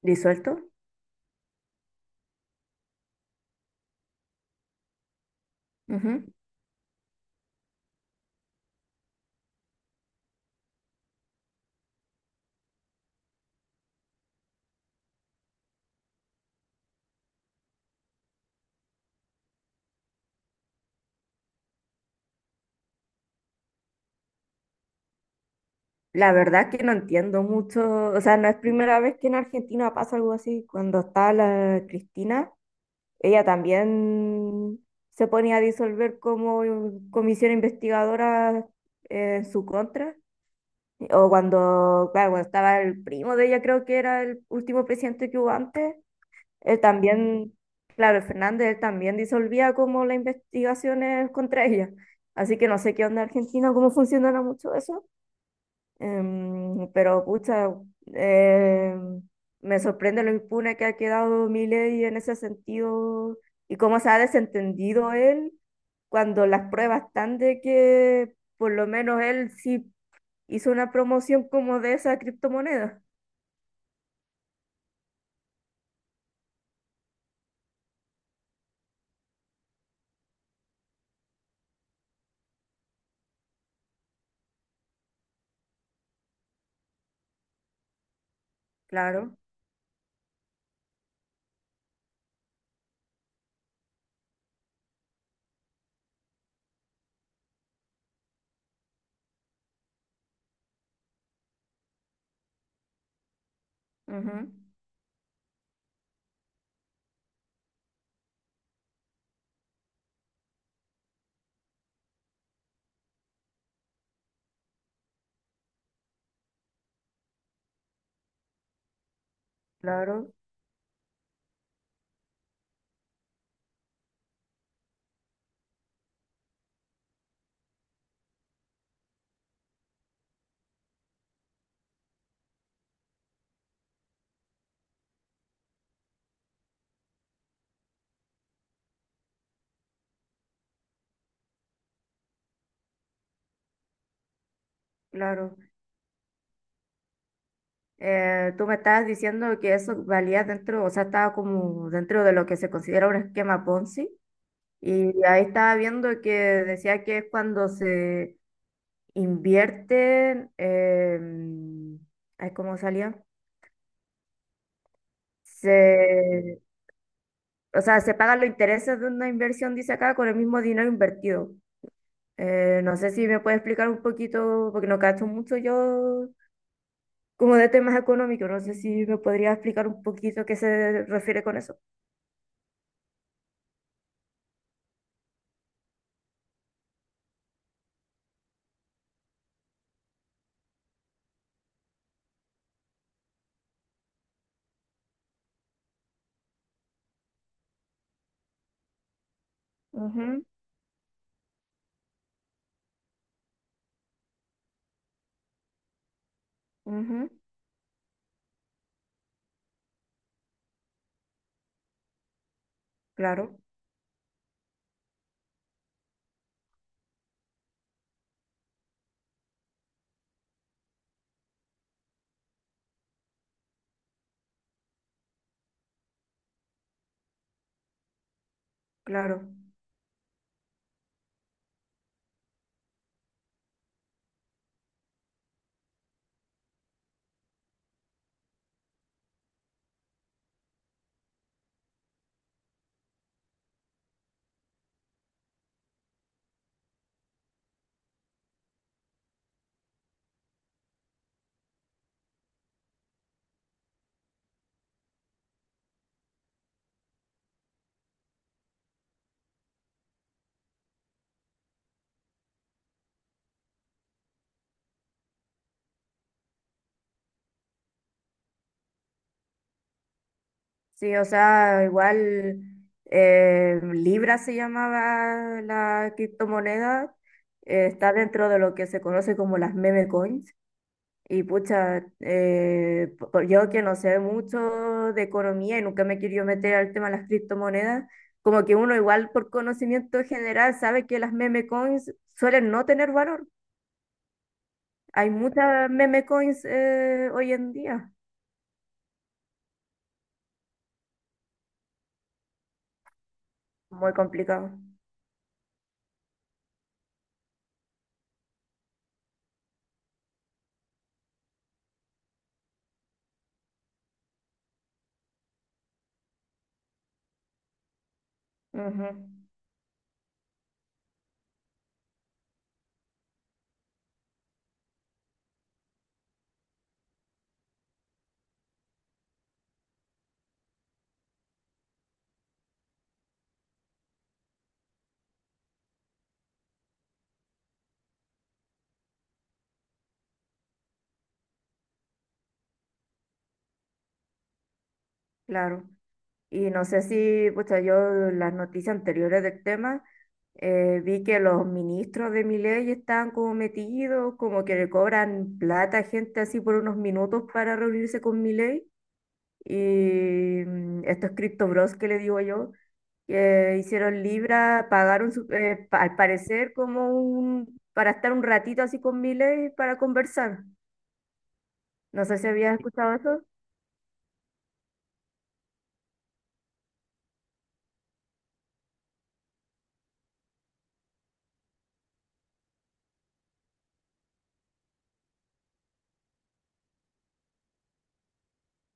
Disuelto. Ujú. La verdad que no entiendo mucho, o sea, no es primera vez que en Argentina pasa algo así. Cuando estaba la Cristina, ella también se ponía a disolver como comisión investigadora en su contra. O cuando, claro, cuando estaba el primo de ella, creo que era el último presidente que hubo antes, él también, claro, el Fernández, él también disolvía como las investigaciones contra ella. Así que no sé qué onda en Argentina, cómo funcionará mucho eso. Pero pucha, eh, me sorprende lo impune que ha quedado Milei en ese sentido y cómo se ha desentendido él cuando las pruebas están de que por lo menos él sí hizo una promoción como de esa criptomoneda. Claro, ujú, claro, claro. Tú me estabas diciendo que eso valía dentro, o sea, estaba como dentro de lo que se considera un esquema Ponzi. Y ahí estaba viendo que decía que es cuando se invierten, ay, ¿cómo salió? Se, o sea, se pagan los intereses de una inversión, dice acá, con el mismo dinero invertido. No sé si me puede explicar un poquito, porque no cacho mucho yo como de temas económicos, no sé si me podría explicar un poquito qué se refiere con eso. Ujú, ujú, claro, claro. Sí, o sea, igual Libra se llamaba la criptomoneda, está dentro de lo que se conoce como las meme coins. Y pucha, yo que no sé mucho de economía y nunca me he querido meter al tema de las criptomonedas, como que uno igual por conocimiento general sabe que las meme coins suelen no tener valor. Hay muchas meme coins hoy en día. Muy complicado. Ujú, claro. Y no sé si, pues yo las noticias anteriores del tema, vi que los ministros de Milei estaban como metidos, como que le cobran plata a gente así por unos minutos para reunirse con Milei. Y mm, estos cripto bros que le digo yo, que hicieron Libra, pagaron al parecer como un, para estar un ratito así con Milei para conversar. No sé si habías escuchado eso.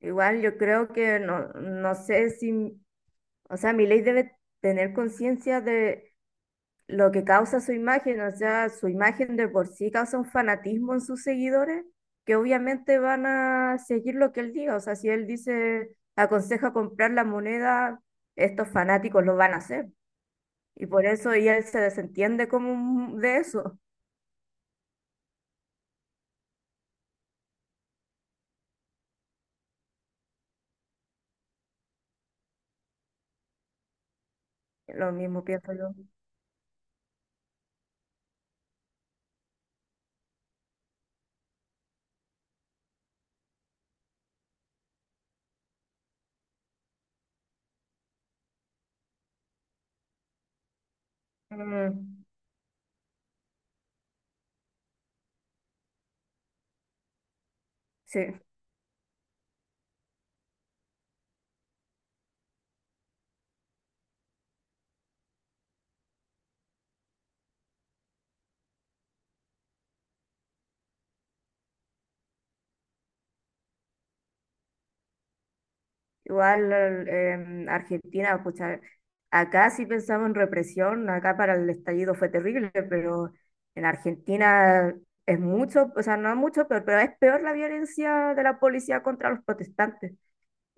Igual yo creo que no sé si, o sea, mi debe tener conciencia de lo que causa su imagen, o sea, su imagen de por sí causa un fanatismo en sus seguidores, que obviamente van a seguir lo que él diga. O sea, si él dice, aconseja comprar la moneda, estos fanáticos lo van a hacer. Y por eso y él se desentiende como un- de eso. Lo mismo pienso yo. Mm, sí. Igual em, Argentina, pucha, acá sí pensamos en represión, acá para el estallido fue terrible, pero en Argentina es mucho, o sea, no mucho, pero es peor la violencia de la policía contra los protestantes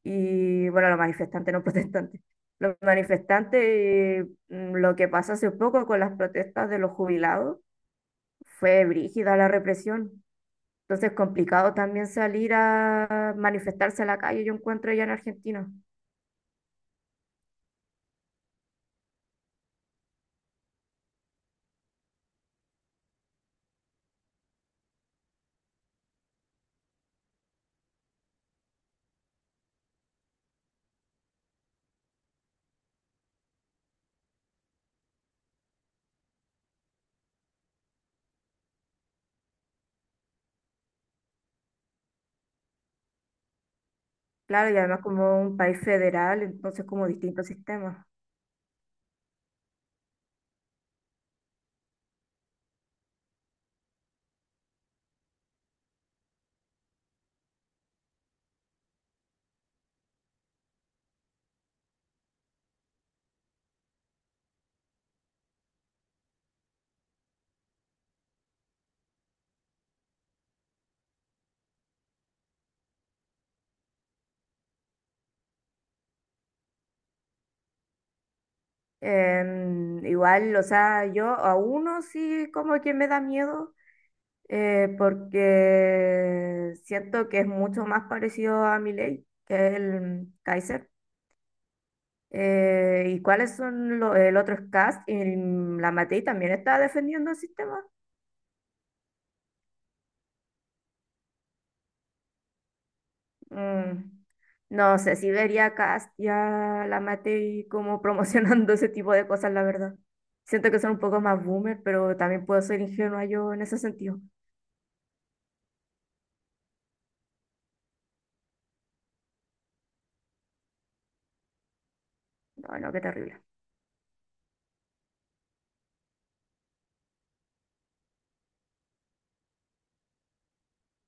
y, bueno, los manifestantes, no protestantes. Los manifestantes, lo que pasó hace poco con las protestas de los jubilados, fue brígida la represión. Entonces, complicado también salir a manifestarse a la calle, yo encuentro ya en Argentina. Claro, y además como un país federal, entonces como distintos sistemas. Em, igual, o sea, yo a uno sí como que me da miedo, porque siento que es mucho más parecido a Milei que el Kaiser. ¿Y cuáles son los, el otro es Kast y la Matei también está defendiendo el sistema? Mm, no sé, si vería Cast ya la maté y como promocionando ese tipo de cosas, la verdad. Siento que son un poco más boomer, pero también puedo ser ingenua yo en ese sentido. No, no, qué terrible.